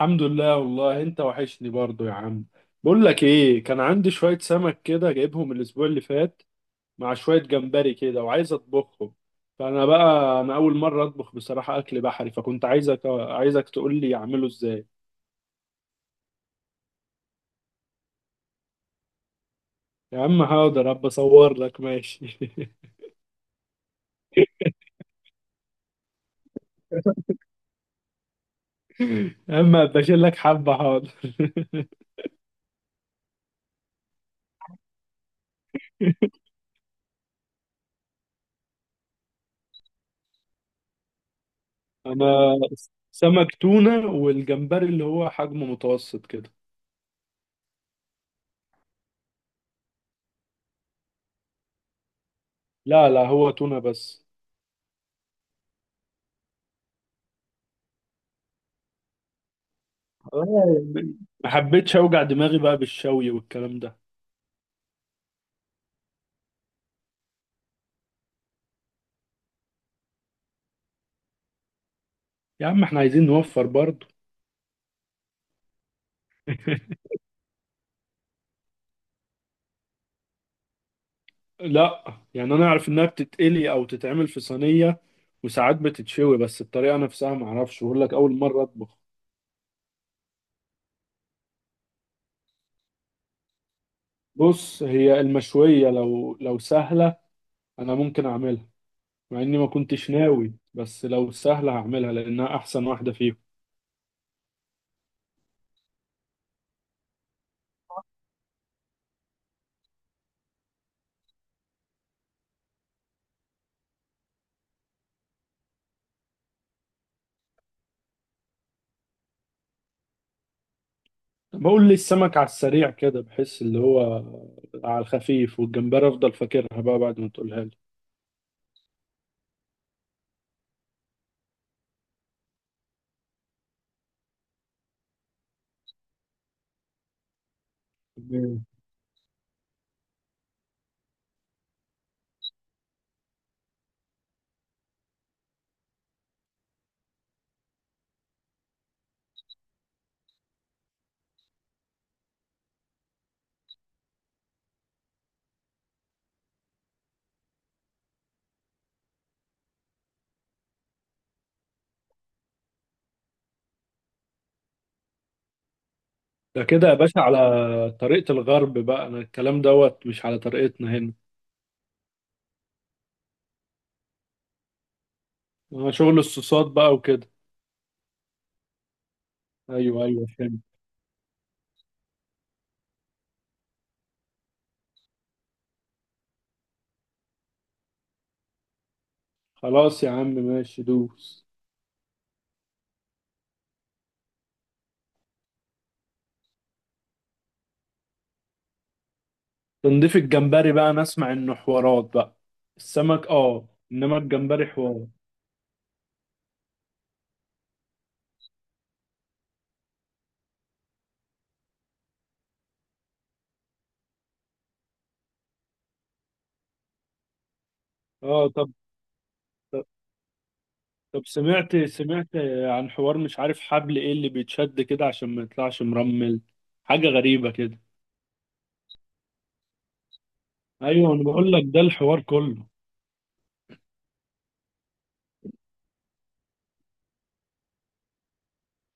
الحمد لله، والله انت وحشني برضو يا عم. بقول لك ايه، كان عندي شوية سمك كده جايبهم الاسبوع اللي فات، مع شوية جمبري كده وعايز اطبخهم. فانا بقى انا اول مرة اطبخ بصراحة اكل بحري، فكنت عايزك تقول لي اعمله ازاي. يا عم حاضر، ابقى اصور لك ماشي. يا عم ابقى اشيل لك حبة، حاضر. انا سمك تونة، والجمبري اللي هو حجمه متوسط كده. لا لا، هو تونة بس. والله، يعني ما حبيتش اوجع دماغي بقى بالشوي والكلام ده. يا عم احنا عايزين نوفر برضه. لا يعني انا اعرف انها بتتقلي او تتعمل في صينيه، وساعات بتتشوي، بس الطريقه نفسها ما اعرفش، بقول لك اول مره اطبخ. بص هي المشويه لو سهله انا ممكن اعملها، مع اني ما كنتش ناوي، بس لو سهله هعملها لانها احسن واحده فيهم. بقول لي السمك على السريع كده، بحس اللي هو على الخفيف، والجمبري افضل فاكرها بقى بعد ما تقولها لي. ده كده يا باشا على طريقة الغرب بقى، انا الكلام دوت مش على طريقتنا هنا. انا شغل الصوصات بقى وكده. ايوه ايوه، فهمت. خلاص يا عم ماشي، دوس. تنضيف الجمبري بقى انا اسمع انه حوارات بقى. السمك اه، انما الجمبري حوار. اه، طب طب طب، سمعت سمعت عن حوار، مش عارف حبل ايه اللي بيتشد كده عشان ما يطلعش مرمل، حاجة غريبة كده. ايوه انا بقول لك ده الحوار كله.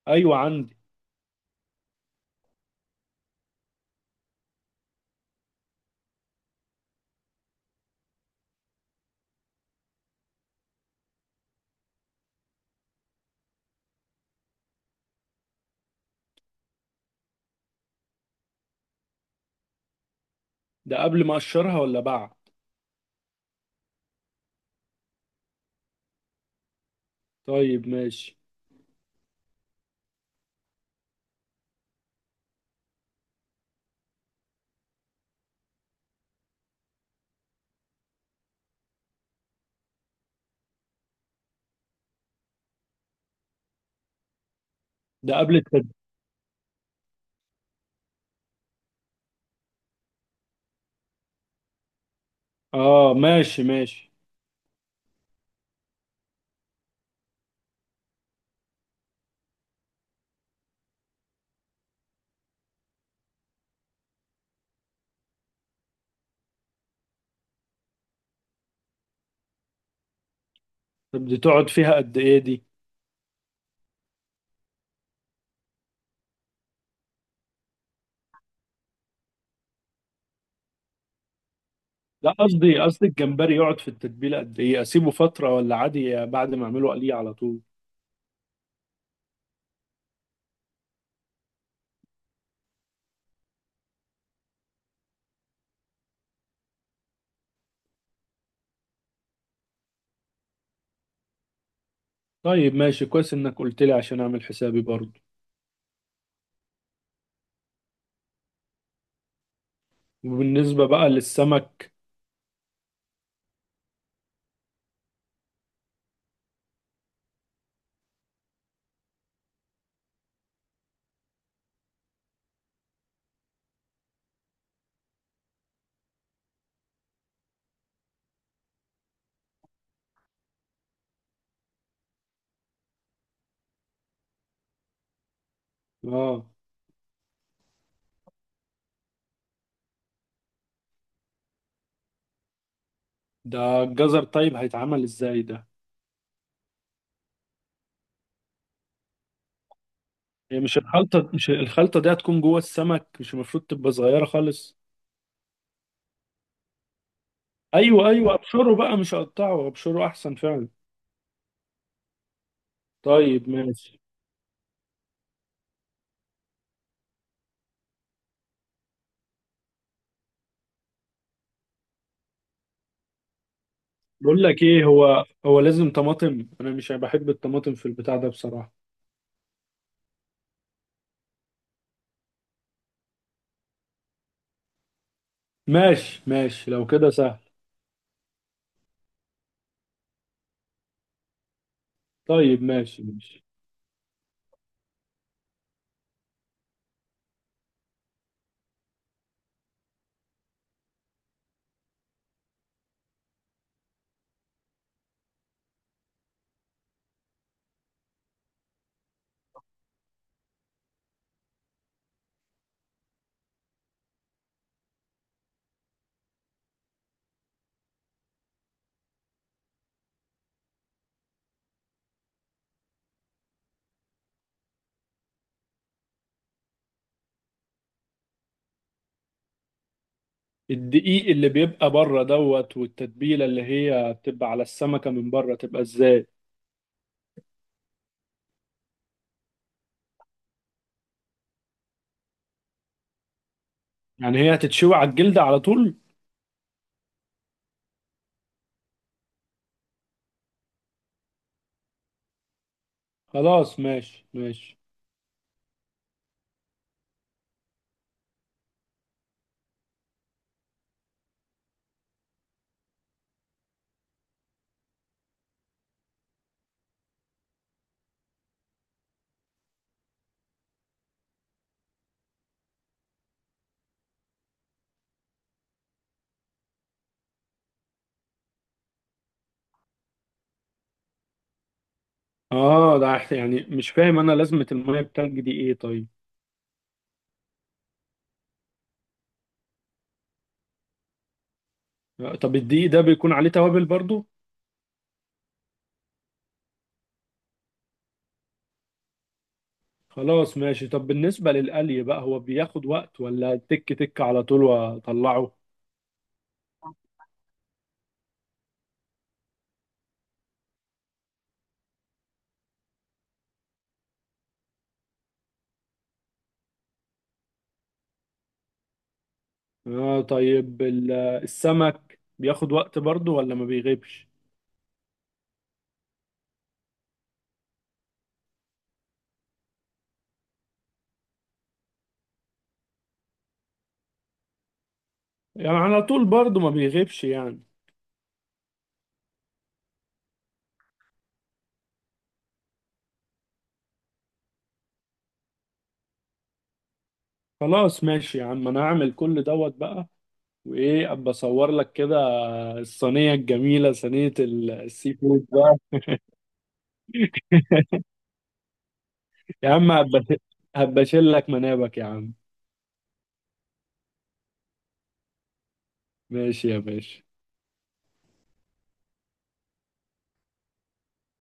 ايوه عندي. ده قبل ما اقشرها ولا بعد؟ طيب ماشي. ده قبل اه ماشي ماشي. طب دي تقعد فيها قد ايه دي؟ لا، قصدي قصدي، الجمبري يقعد في التتبيله قد ايه، اسيبه فتره ولا عادي بعد ما اعمله قليه على طول؟ طيب ماشي، كويس انك قلت لي عشان اعمل حسابي برضو. وبالنسبه بقى للسمك. اه. ده الجزر طيب هيتعمل ازاي ده؟ هي مش الخلطه، مش الخلطه دي هتكون جوه السمك، مش المفروض تبقى صغيره خالص؟ ايوه ايوه، ابشره بقى مش اقطعه، ابشره احسن فعلا. طيب ماشي. بقول لك ايه، هو لازم طماطم؟ انا مش بحب الطماطم في البتاع ده بصراحة. ماشي ماشي لو كده سهل. طيب ماشي ماشي. الدقيق اللي بيبقى بره دوت، والتتبيلة اللي هي بتبقى على السمكة من بره تبقى ازاي؟ يعني هي هتتشوي على الجلدة على طول؟ خلاص ماشي ماشي. اه ده يعني مش فاهم انا، لازمة المية التلج دي ايه طيب؟ طب الدقيق ده بيكون عليه توابل برضو؟ خلاص ماشي. طب بالنسبة للقلي بقى، هو بياخد وقت ولا تك تك على طول واطلعه؟ آه طيب، السمك بياخد وقت برضه ولا ما بيغيبش؟ يعني على طول برضه ما بيغيبش يعني؟ خلاص ماشي يا عم، انا هعمل كل دوت بقى. وايه، ابقى اصور لك كده الصينيه الجميله، صينيه السي فود بقى. يا عم هبقى اشيل لك منابك يا عم. ماشي يا باشا.